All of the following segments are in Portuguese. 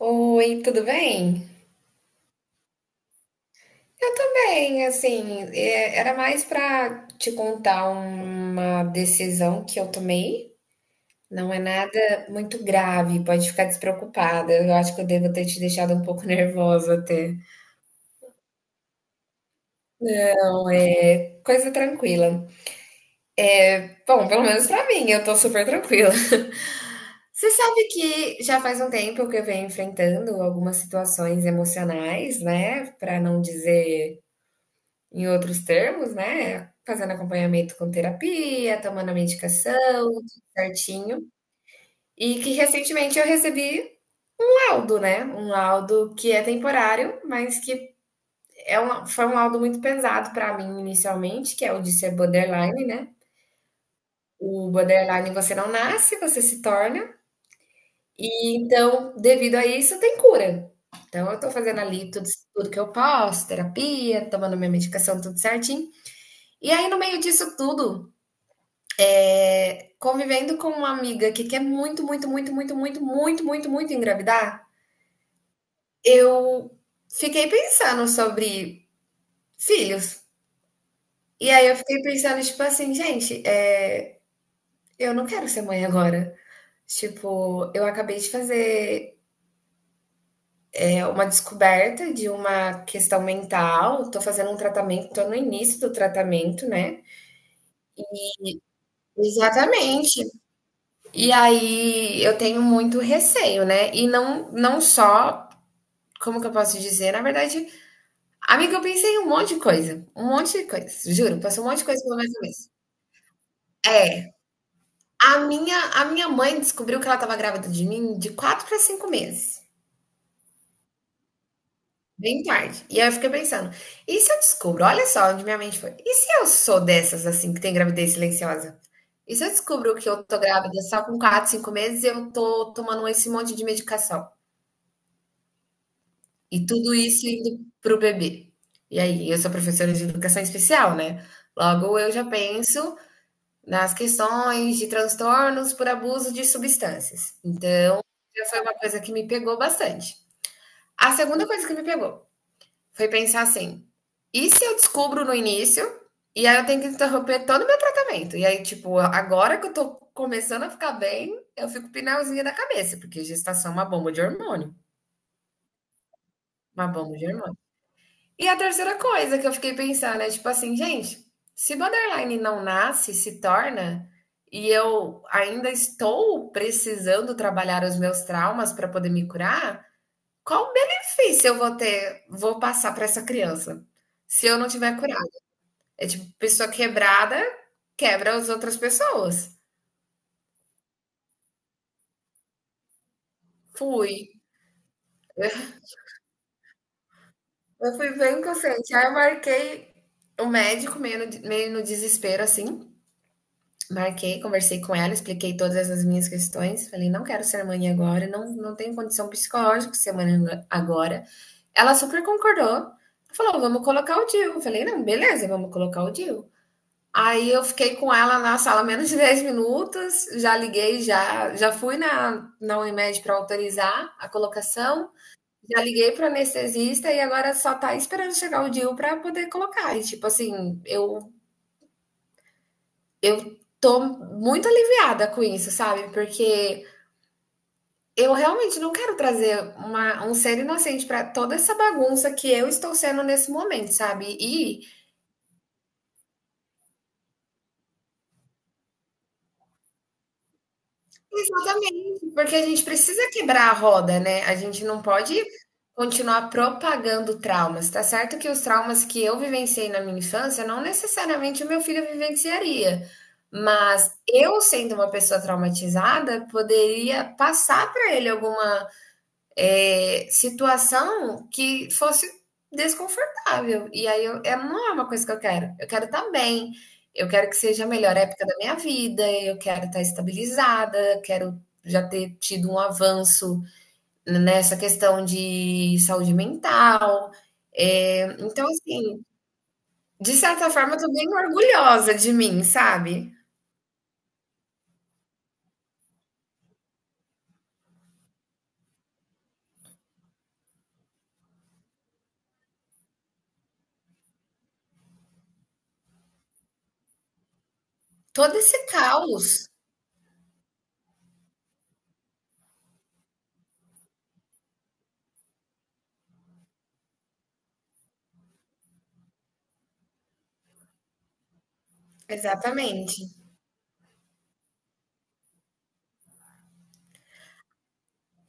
Oi, tudo bem? Eu tô bem, assim, era mais pra te contar uma decisão que eu tomei. Não é nada muito grave, pode ficar despreocupada. Eu acho que eu devo ter te deixado um pouco nervosa até. Coisa tranquila. Bom, pelo menos pra mim, eu tô super tranquila. Você sabe que já faz um tempo que eu venho enfrentando algumas situações emocionais, né? Pra não dizer em outros termos, né, fazendo acompanhamento com terapia, tomando a medicação, tudo certinho. E que recentemente eu recebi um laudo, né? Um laudo que é temporário, mas que foi um laudo muito pesado para mim inicialmente, que é o de ser borderline, né? O borderline você não nasce, você se torna. E então, devido a isso, tem cura. Então, eu tô fazendo ali tudo, tudo que eu posso, terapia, tomando minha medicação, tudo certinho. E aí, no meio disso tudo, é, convivendo com uma amiga que quer muito, muito, muito, muito, muito, muito, muito, muito engravidar, eu fiquei pensando sobre filhos. E aí eu fiquei pensando, tipo assim, gente, eu não quero ser mãe agora. Tipo, eu acabei de fazer uma descoberta de uma questão mental, tô fazendo um tratamento, tô no início do tratamento, né? Exatamente. E aí eu tenho muito receio, né? E não, não só, como que eu posso dizer? Na verdade, amiga, eu pensei em um monte de coisa, um monte de coisa, juro, passou um monte de coisa pela minha cabeça. É, a minha mãe descobriu que ela estava grávida de mim de 4 para 5 meses, bem tarde. E aí eu fiquei pensando: "E se eu descubro?" Olha só onde minha mente foi. "E se eu sou dessas, assim, que tem gravidez silenciosa? E se eu descubro que eu tô grávida só com 4, 5 meses e eu tô tomando esse monte de medicação? E tudo isso indo para o bebê?" E aí, eu sou professora de educação especial, né, logo eu já penso nas questões de transtornos por abuso de substâncias. Então, já foi uma coisa que me pegou bastante. A segunda coisa que me pegou foi pensar assim: e se eu descubro no início e aí eu tenho que interromper todo o meu tratamento? E aí, tipo, agora que eu tô começando a ficar bem, eu fico pinalzinha da cabeça, porque gestação é uma bomba de hormônio. Uma bomba de hormônio. E a terceira coisa que eu fiquei pensando é tipo assim, gente, se borderline não nasce, se torna, e eu ainda estou precisando trabalhar os meus traumas para poder me curar, qual benefício eu vou ter, vou passar para essa criança? Se eu não tiver curado. É tipo, pessoa quebrada quebra as outras pessoas. Fui. Eu fui bem inconsciente. Aí eu marquei o médico meio no desespero, assim. Marquei, conversei com ela, expliquei todas as minhas questões. Falei, não quero ser mãe agora, não, não tenho condição psicológica de ser mãe agora. Ela super concordou. Falou, vamos colocar o DIU. Eu falei, não, beleza, vamos colocar o DIU. Aí eu fiquei com ela na sala menos de 10 minutos, já liguei, já, já fui na Unimed para autorizar a colocação, já liguei para o anestesista e agora só tá esperando chegar o DIU para poder colocar. E tipo assim, eu tô muito aliviada com isso, sabe? Porque eu realmente não quero trazer um ser inocente para toda essa bagunça que eu estou sendo nesse momento, sabe? E exatamente, porque a gente precisa quebrar a roda, né? A gente não pode continuar propagando traumas. Tá certo que os traumas que eu vivenciei na minha infância não necessariamente o meu filho vivenciaria. Mas eu, sendo uma pessoa traumatizada, poderia passar para ele alguma situação que fosse desconfortável. E aí eu, não é uma coisa que eu quero. Eu quero estar bem, eu quero que seja a melhor época da minha vida, eu quero estar estabilizada, quero já ter tido um avanço nessa questão de saúde mental. É, então, assim, de certa forma, eu tô bem orgulhosa de mim, sabe? Todo esse caos. Exatamente.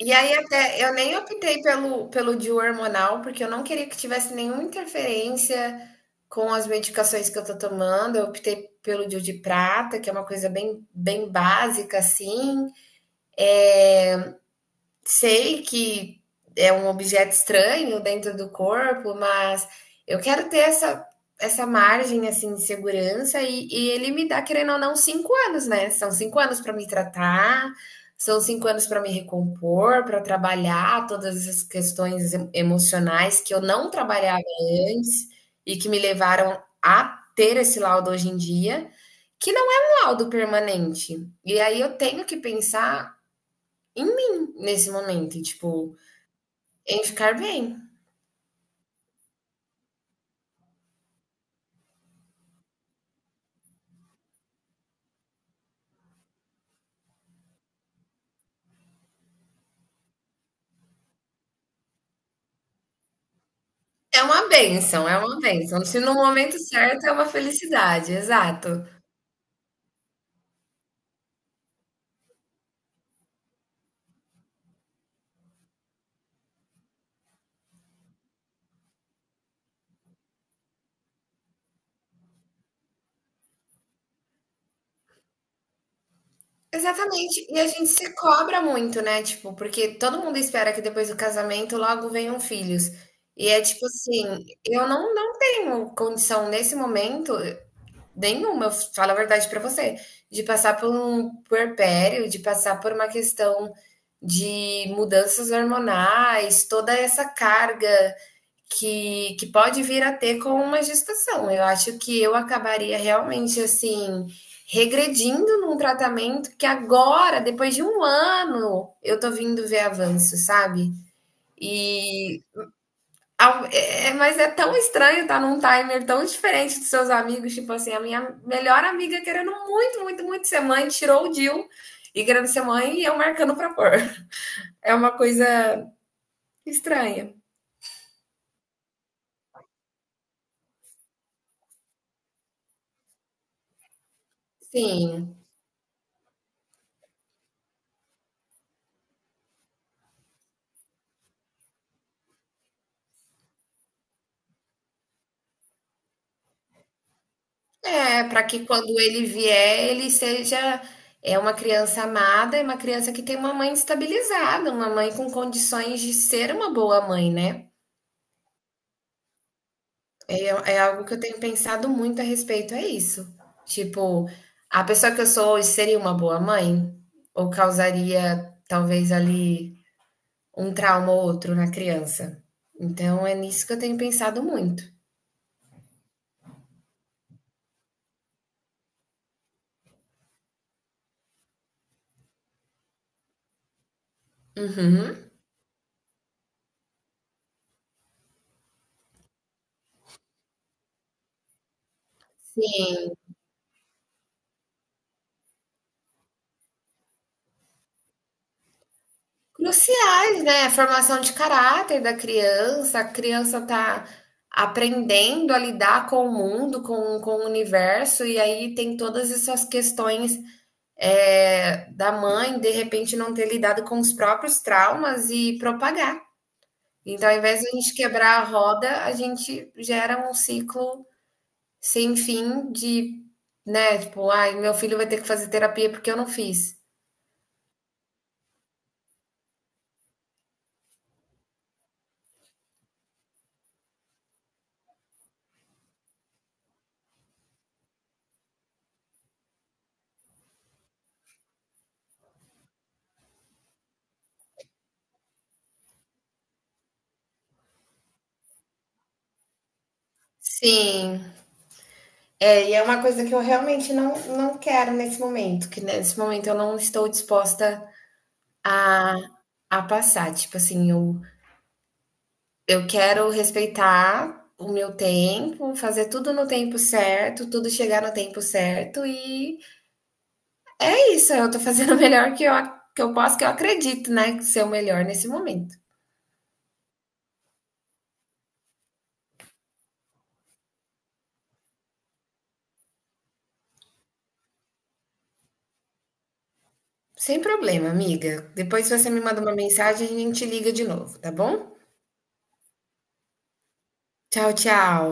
E aí até eu nem optei pelo DIU hormonal, porque eu não queria que tivesse nenhuma interferência com as medicações que eu tô tomando, eu optei pelo DIU de prata, que é uma coisa bem básica, assim, sei que é um objeto estranho dentro do corpo, mas eu quero ter essa, essa margem assim de segurança e ele me dá, querendo ou não, 5 anos, né? São 5 anos para me tratar, são 5 anos para me recompor, para trabalhar todas essas emocionais que eu não trabalhava antes e que me levaram a ter esse laudo hoje em dia, que não é um laudo permanente. E aí eu tenho que pensar em mim nesse momento, tipo, em ficar bem. É uma bênção, é uma bênção. Se no momento certo é uma felicidade, exato. Exatamente. E a gente se cobra muito, né? Tipo, porque todo mundo espera que depois do casamento logo venham filhos. E é tipo assim, eu não, não tenho condição nesse momento nenhuma, eu falo a verdade pra você, de passar por um puerpério, de passar por uma questão de mudanças hormonais, toda essa carga que pode vir a ter com uma gestação. Eu acho que eu acabaria realmente assim regredindo num tratamento que agora, depois de 1 ano, eu tô vindo ver avanço, sabe? E mas é tão estranho estar num timer tão diferente dos seus amigos, tipo assim, a minha melhor amiga querendo muito, muito, muito ser mãe, tirou o DIU e querendo ser mãe e eu marcando pra pôr. É uma coisa estranha. Sim. É, para que quando ele vier, ele seja é uma criança amada é uma criança que tem uma mãe estabilizada, uma mãe com condições de ser uma boa mãe, né? É, é algo que eu tenho pensado muito a respeito, é isso. Tipo, a pessoa que eu sou hoje seria uma boa mãe? Ou causaria, talvez, ali um trauma ou outro na criança? Então, é nisso que eu tenho pensado muito. Uhum. Cruciais, né? A formação de caráter da criança, a criança tá aprendendo a lidar com o mundo, com o universo, e aí tem todas essas questões da mãe, de repente, não ter lidado com os próprios traumas e propagar. Então, ao invés de a gente quebrar a roda, a gente gera um ciclo sem fim de, né, tipo, ai, meu filho vai ter que fazer terapia porque eu não fiz. Sim. É, e é uma coisa que eu realmente não, não quero nesse momento, que nesse momento eu não estou disposta a, a passar. Tipo assim, eu quero respeitar o meu tempo, fazer tudo no tempo certo, tudo chegar no tempo certo, e é isso, eu tô fazendo o melhor que eu posso, que eu acredito, né, que ser o melhor nesse momento. Sem problema, amiga. Depois, se você me manda uma mensagem, a gente liga de novo, tá bom? Tchau, tchau.